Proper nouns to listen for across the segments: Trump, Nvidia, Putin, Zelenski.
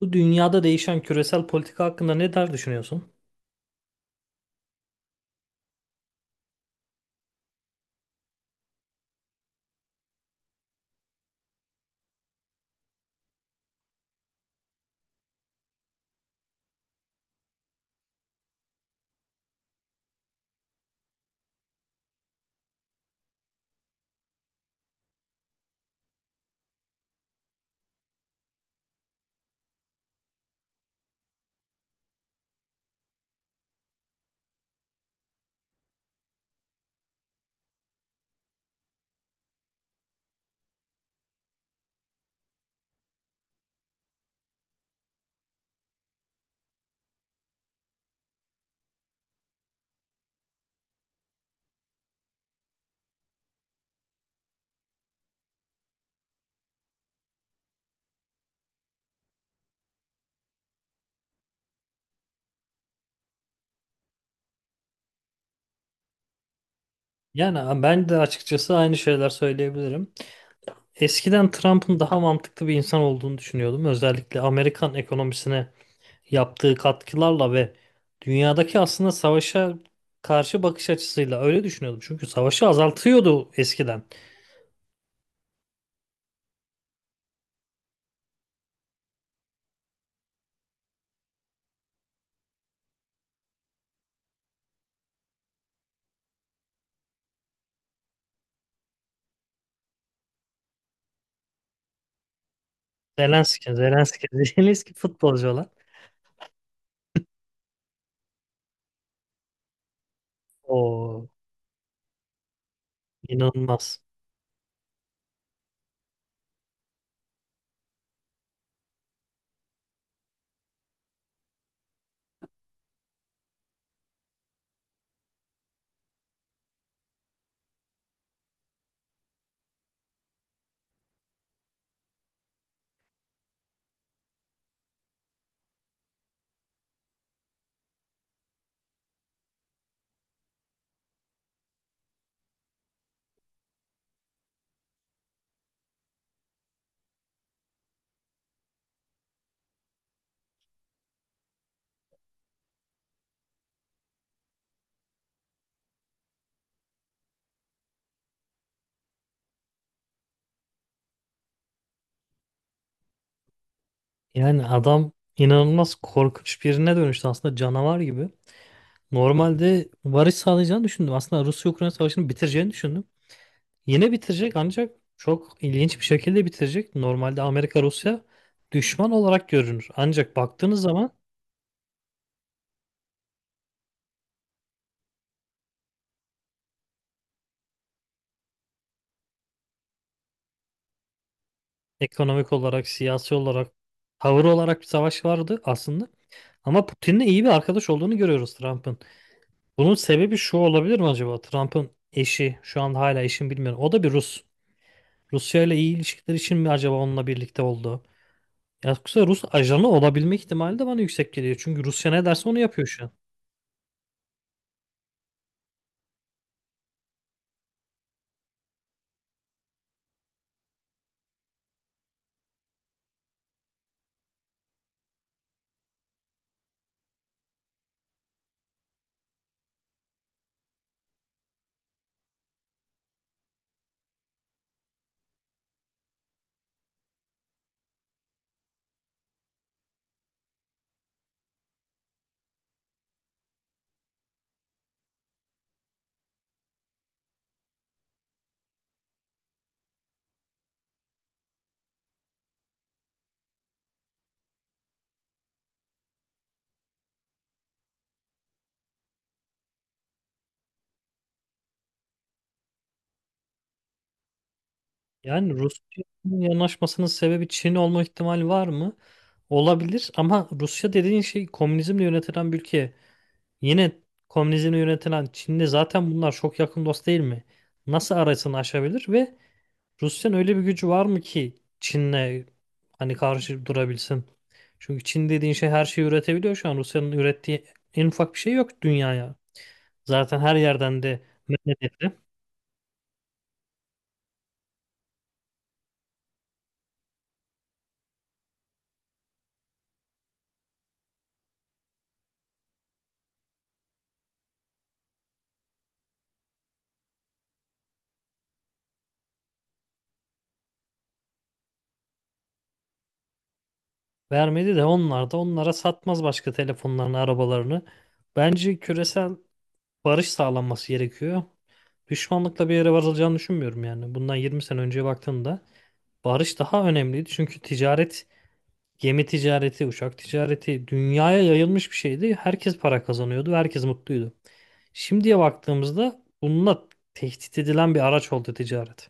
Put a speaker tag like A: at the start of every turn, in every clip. A: Bu dünyada değişen küresel politika hakkında ne der düşünüyorsun? Yani ben de açıkçası aynı şeyler söyleyebilirim. Eskiden Trump'ın daha mantıklı bir insan olduğunu düşünüyordum. Özellikle Amerikan ekonomisine yaptığı katkılarla ve dünyadaki aslında savaşa karşı bakış açısıyla öyle düşünüyordum. Çünkü savaşı azaltıyordu eskiden. Zelenski, Zelenski, Zelenski futbolcu olan. O inanılmaz. Yani adam inanılmaz korkunç birine dönüştü aslında canavar gibi. Normalde varış sağlayacağını düşündüm. Aslında Rusya-Ukrayna savaşını bitireceğini düşündüm. Yine bitirecek ancak çok ilginç bir şekilde bitirecek. Normalde Amerika-Rusya düşman olarak görünür. Ancak baktığınız zaman ekonomik olarak, siyasi olarak, tavır olarak bir savaş vardı aslında. Ama Putin'le iyi bir arkadaş olduğunu görüyoruz Trump'ın. Bunun sebebi şu olabilir mi acaba? Trump'ın eşi, şu an hala eşim bilmiyorum. O da bir Rus. Rusya ile iyi ilişkiler için mi acaba onunla birlikte oldu? Ya yoksa Rus ajanı olabilme ihtimali de bana yüksek geliyor. Çünkü Rusya ne derse onu yapıyor şu an. Yani Rusya'nın yanaşmasının sebebi Çin olma ihtimali var mı? Olabilir ama Rusya dediğin şey komünizmle yönetilen bir ülke. Yine komünizmle yönetilen Çin'de zaten bunlar çok yakın dost değil mi? Nasıl arasını aşabilir ve Rusya'nın öyle bir gücü var mı ki Çin'le hani karşı durabilsin? Çünkü Çin dediğin şey her şeyi üretebiliyor şu an. Rusya'nın ürettiği en ufak bir şey yok dünyaya. Zaten her yerden de men edildi. Vermedi de onlar da onlara satmaz başka telefonlarını, arabalarını. Bence küresel barış sağlanması gerekiyor. Düşmanlıkla bir yere varılacağını düşünmüyorum yani. Bundan 20 sene önceye baktığımda barış daha önemliydi. Çünkü ticaret, gemi ticareti, uçak ticareti dünyaya yayılmış bir şeydi. Herkes para kazanıyordu, ve herkes mutluydu. Şimdiye baktığımızda bununla tehdit edilen bir araç oldu ticaret.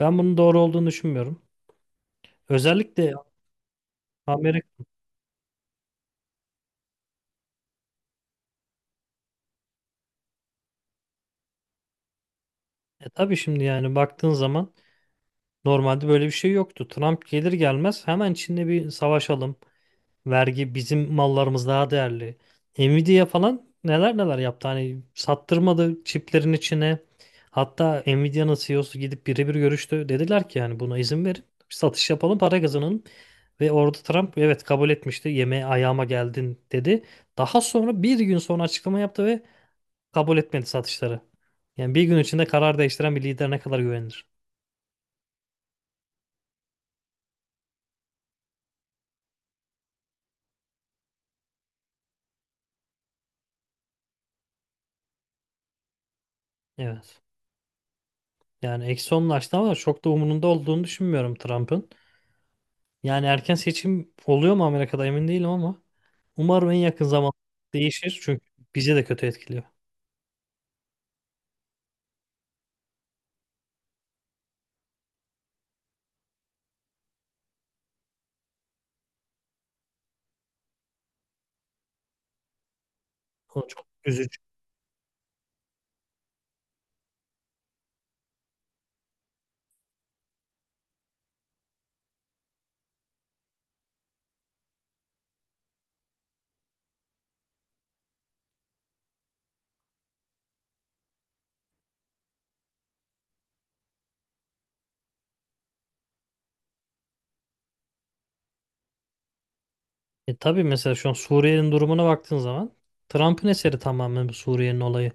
A: Ben bunun doğru olduğunu düşünmüyorum. Özellikle Amerika. E tabii şimdi yani baktığın zaman normalde böyle bir şey yoktu. Trump gelir gelmez hemen Çin'le bir savaşalım. Vergi bizim mallarımız daha değerli. Nvidia falan neler neler yaptı. Hani sattırmadı çiplerin içine. Hatta Nvidia'nın CEO'su gidip birebir görüştü. Dediler ki yani buna izin verin. Satış yapalım para kazanalım. Ve orada Trump evet kabul etmişti. Yemeğe ayağıma geldin dedi. Daha sonra bir gün sonra açıklama yaptı ve kabul etmedi satışları. Yani bir gün içinde karar değiştiren bir lider ne kadar güvenilir? Evet. Yani eksi onlaştı ama çok da umurunda olduğunu düşünmüyorum Trump'ın. Yani erken seçim oluyor mu Amerika'da emin değilim ama umarım en yakın zamanda değişir çünkü bizi de kötü etkiliyor. O çok üzücü. E tabii mesela şu an Suriye'nin durumuna baktığın zaman Trump'ın eseri tamamen bu Suriye'nin olayı.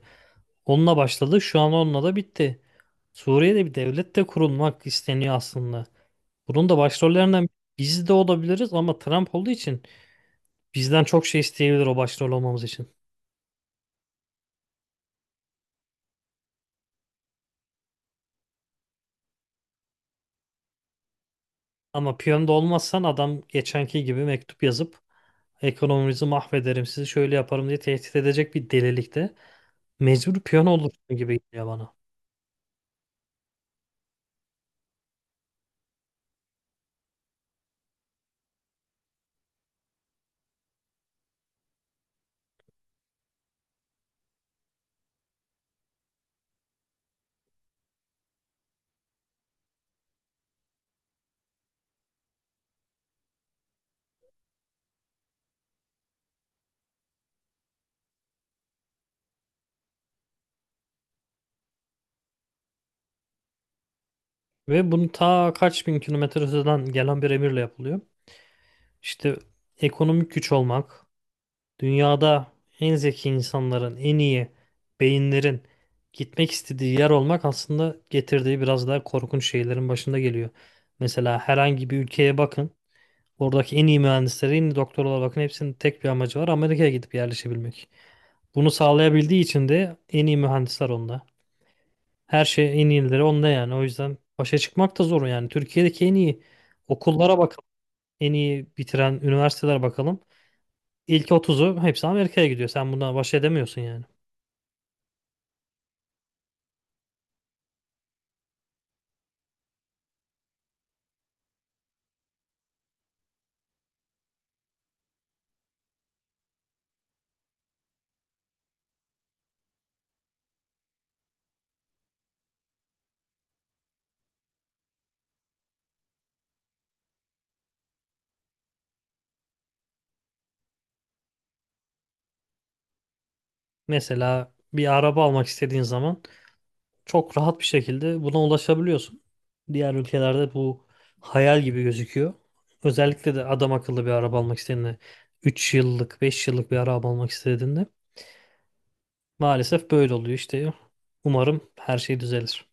A: Onunla başladı, şu an onunla da bitti. Suriye'de bir devlet de kurulmak isteniyor aslında. Bunun da başrollerinden biz de olabiliriz ama Trump olduğu için bizden çok şey isteyebilir o başrol olmamız için. Ama piyonda olmazsan adam geçenki gibi mektup yazıp ekonomimizi mahvederim sizi şöyle yaparım diye tehdit edecek bir delilikte mecbur piyon olursun gibi geliyor bana. Ve bunu ta kaç bin kilometre öteden gelen bir emirle yapılıyor. İşte ekonomik güç olmak, dünyada en zeki insanların, en iyi beyinlerin gitmek istediği yer olmak aslında getirdiği biraz daha korkunç şeylerin başında geliyor. Mesela herhangi bir ülkeye bakın. Oradaki en iyi mühendislere, en iyi doktorlara bakın. Hepsinin tek bir amacı var. Amerika'ya gidip yerleşebilmek. Bunu sağlayabildiği için de en iyi mühendisler onda. Her şey en iyileri onda yani. O yüzden başa çıkmak da zor yani. Türkiye'deki en iyi okullara bakalım. En iyi bitiren üniversiteler bakalım. İlk 30'u hepsi Amerika'ya gidiyor. Sen bundan baş edemiyorsun yani. Mesela bir araba almak istediğin zaman çok rahat bir şekilde buna ulaşabiliyorsun. Diğer ülkelerde bu hayal gibi gözüküyor. Özellikle de adam akıllı bir araba almak istediğinde 3 yıllık, 5 yıllık bir araba almak istediğinde maalesef böyle oluyor işte. Umarım her şey düzelir.